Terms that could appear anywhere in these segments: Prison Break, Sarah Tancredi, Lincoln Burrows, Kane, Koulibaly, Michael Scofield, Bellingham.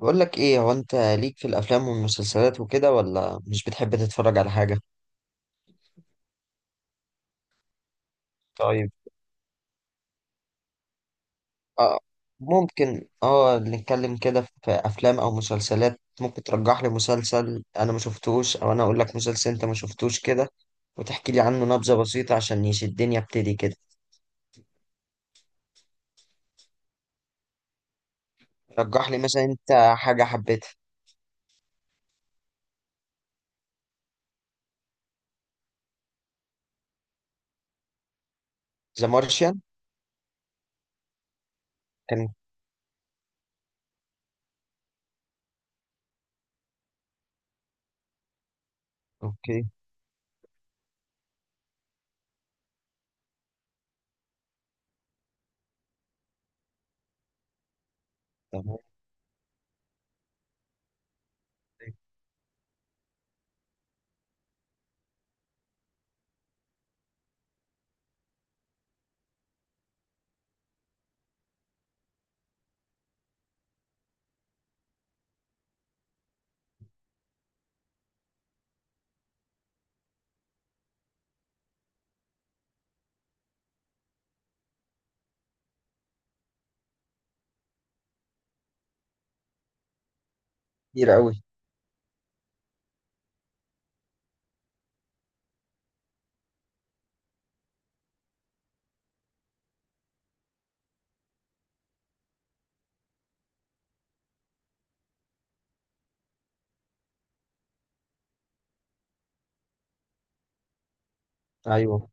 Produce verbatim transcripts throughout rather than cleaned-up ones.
بقول لك ايه، هو انت ليك في الافلام والمسلسلات وكده، ولا مش بتحب تتفرج على حاجه؟ طيب. اه. ممكن اه نتكلم كده في افلام او مسلسلات، ممكن ترجح لي مسلسل انا ما شفتوش، او انا اقول لك مسلسل انت ما شفتوش كده وتحكي لي عنه نبذه بسيطه عشان يشدني ابتدي كده. رجح لي مثلا انت حاجه حبيتها. ذا مارشيان؟ كان. اوكي. تمام. كتير قوي. ايوه.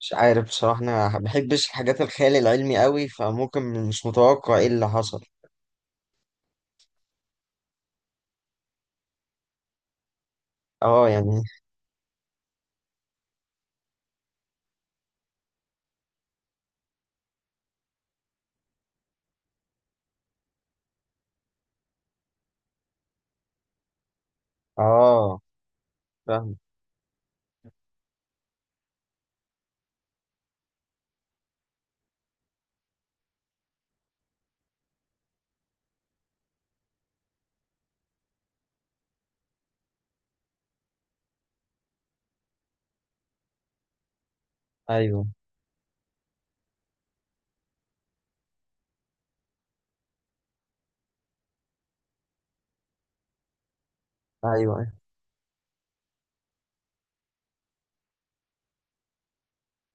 مش عارف بصراحه، انا ما بحبش الحاجات الخيال العلمي قوي، فممكن مش متوقع ايه اللي حصل. اه يعني، اه. فاهم. ايوه، ايوه، أيوة.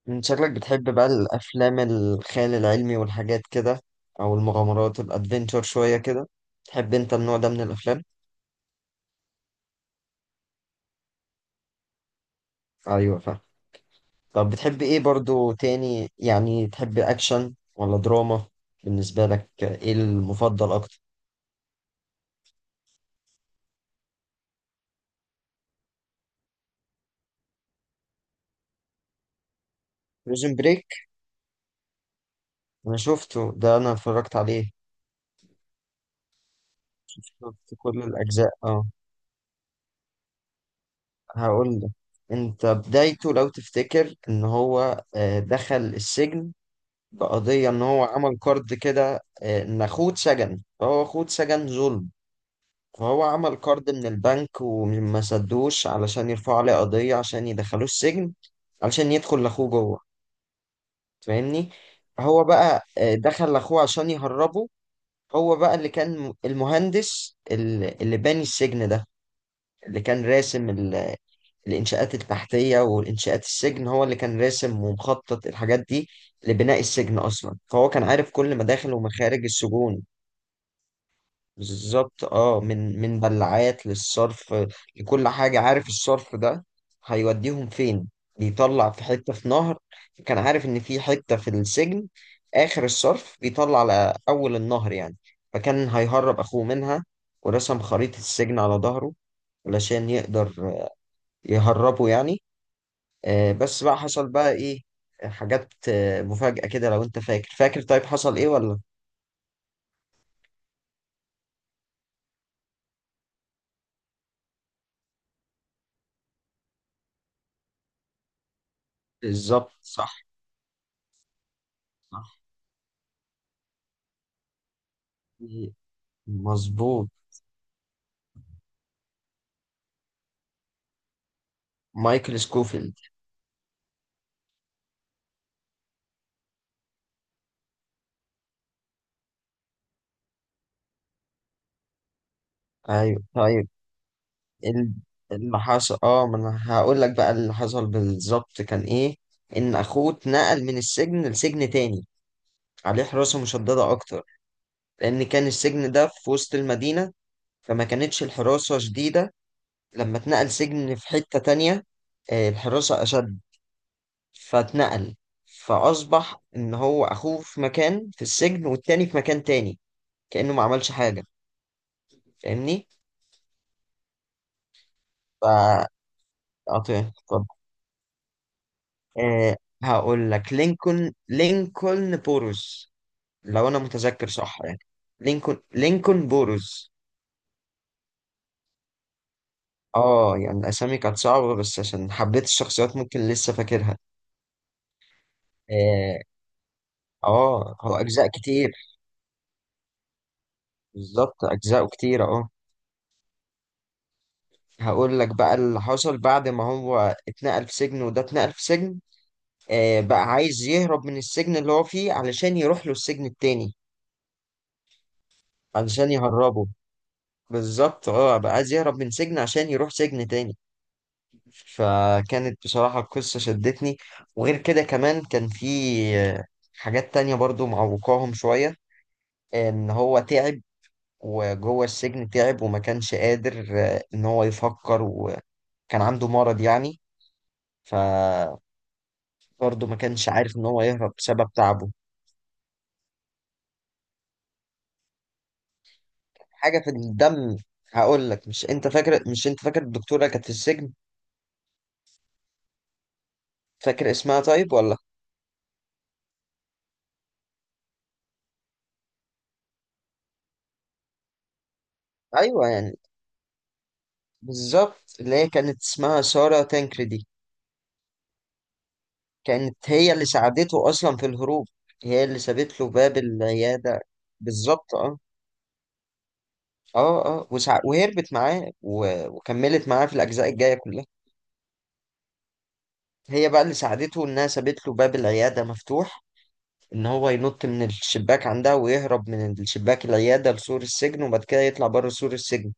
من شكلك بتحب بقى الافلام الخيال العلمي والحاجات كده، او المغامرات الادفنتشر شويه كده؟ تحب انت النوع ده من الافلام؟ ايوه، فاهم. طب بتحب ايه برضو تاني، يعني تحب اكشن ولا دراما؟ بالنسبه لك ايه المفضل اكتر؟ بريزن بريك. انا شفته ده، انا اتفرجت عليه. شفت كل الاجزاء، اه. هقول لك. انت بدايته لو تفتكر ان هو آه، دخل السجن بقضية إن هو عمل كارد كده، آه، إن أخوه اتسجن، فهو أخوه اتسجن ظلم. فهو عمل كارد من البنك وما سدوش علشان يرفعوا عليه قضية عشان يدخلوه السجن. علشان يدخل لأخوه جوه. فاهمني؟ فهو بقى آه، دخل لأخوه عشان يهربه. هو بقى اللي كان م- المهندس، ال- اللي باني السجن ده، اللي كان راسم الإنشاءات التحتية والإنشاءات السجن، هو اللي كان راسم ومخطط الحاجات دي لبناء السجن أصلا، فهو كان عارف كل مداخل ومخارج السجون. بالظبط، اه من من بلعات للصرف، لكل حاجة، عارف الصرف ده هيوديهم فين، بيطلع في حتة في نهر. كان عارف إن في حتة في السجن آخر الصرف بيطلع على أول النهر يعني، فكان هيهرب أخوه منها. ورسم خريطة السجن على ظهره علشان يقدر يهربه يعني. آه، بس بقى حصل بقى ايه؟ آه، حاجات آه، مفاجأة كده، لو انت فاكر فاكر طيب، حصل ايه ولا؟ بالظبط، صح. صح، مظبوط. مايكل سكوفيلد. ايوه، طيب. ال- اللي حصل، اه ما انا هقول لك بقى اللي حصل بالظبط كان ايه. ان اخوه اتنقل من السجن لسجن تاني، عليه حراسة مشددة اكتر، لان كان السجن ده في وسط المدينة فما كانتش الحراسة شديدة. لما اتنقل سجن في حتة تانية آه، الحراسة اشد، فاتنقل. فأصبح إن هو أخوه في مكان في السجن والتاني في مكان تاني، كأنه ما عملش حاجة. فاهمني؟ ف أعطيه، اتفضل. أه. هقول لك، لينكولن لينكولن بوروز، لو أنا متذكر صح يعني. لينكولن لينكولن بوروز. اه، يعني الأسامي كانت صعبة، بس عشان حبيت الشخصيات ممكن لسه فاكرها. اه. آه، هو أجزاء كتير. بالظبط، أجزاءه كتير، اه. هقول لك بقى اللي حصل بعد ما هو اتنقل في سجن وده اتنقل في سجن. آه، بقى عايز يهرب من السجن اللي هو فيه علشان يروح له السجن التاني. علشان يهربه. بالظبط، اه. بقى عايز يهرب من سجن عشان يروح سجن تاني. فكانت بصراحة القصة شدتني. وغير كده كمان كان في آه، حاجات تانية برضو معوقاهم شوية. ان هو تعب، وجوه السجن تعب وما كانش قادر آه، ان هو يفكر، وكان عنده مرض يعني. فبرضه ما كانش عارف ان هو يهرب بسبب تعبه. حاجة في الدم. هقول لك، مش انت فاكر مش انت فاكر الدكتورة كانت في السجن؟ فاكر اسمها طيب ولا؟ ايوه، يعني. بالظبط، اللي هي كانت اسمها سارة تانكريدي. كانت هي اللي ساعدته اصلا في الهروب، هي اللي سابت له باب العيادة. بالظبط، اه. اه اه وسع... وهربت معاه و... وكملت معاه في الاجزاء الجاية كلها. هي بقى اللي ساعدته، انها سابت له باب العيادة مفتوح، ان هو ينط من الشباك عندها، ويهرب من الشباك العيادة لسور السجن، وبعد كده يطلع بره سور السجن،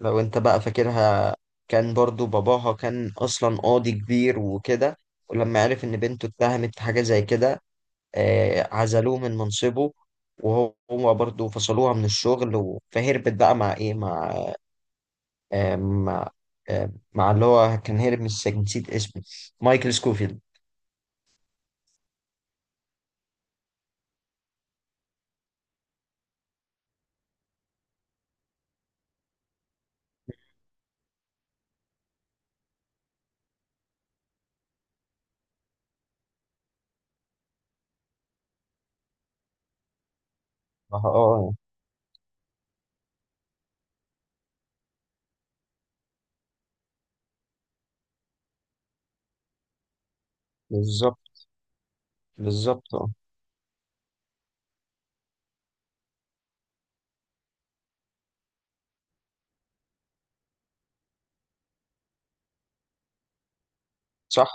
لو انت بقى فاكرها. كان برضو باباها كان اصلا قاضي كبير وكده، ولما عرف ان بنته اتهمت في حاجة زي كده آه، عزلوه من منصبه. وهو برضو فصلوها من الشغل و- فهربت بقى مع ايه، مع آه، مع آه، مع اللي هو كان هرب من السجن، نسيت اسمه، مايكل سكوفيلد. اه، آه، آه، بالظبط. بالظبط، اه. صح.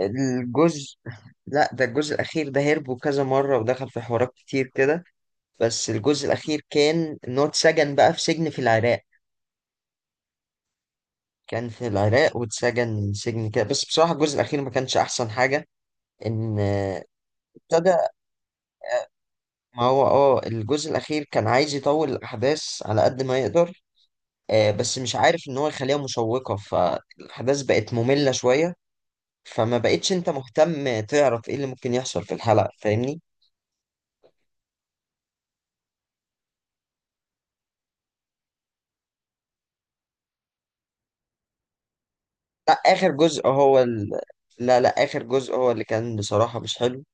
الجزء. لا، ده الجزء الاخير ده هربوا كذا مرة ودخل في حوارات كتير كده. بس الجزء الأخير كان إن هو اتسجن بقى في سجن في العراق. كان في العراق واتسجن سجن كده، بس بصراحة الجزء الأخير ما كانش أحسن حاجة. إن آه، ابتدى. ما هو اه الجزء الأخير كان عايز يطول الأحداث على قد ما يقدر، آه، بس مش عارف إن هو يخليها مشوقة، فالأحداث بقت مملة شوية. فما بقتش أنت مهتم تعرف إيه اللي ممكن يحصل في الحلقة. فاهمني؟ لا، آخر جزء هو ال... لا، لا، آخر جزء هو اللي كان بصراحة مش حلو.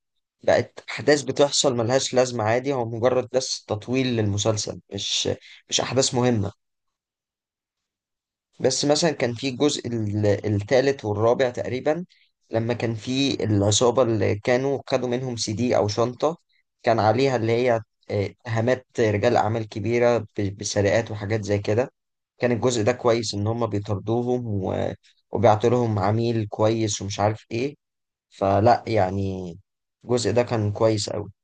بقت أحداث بتحصل ملهاش لازمة، عادي، هو مجرد بس تطويل للمسلسل، مش مش أحداث مهمة. بس مثلا كان في الجزء ال- التالت والرابع تقريبا، لما كان في العصابة اللي كانوا خدوا منهم سي دي أو شنطة. كان عليها اللي هي آه، اتهامات رجال أعمال كبيرة، ب- بسرقات وحاجات زي كده. كان الجزء ده كويس، إن هما بيطردوهم و... وبيعطوا لهم عميل كويس ومش عارف إيه. فلا، يعني الجزء ده كان كويس أوي.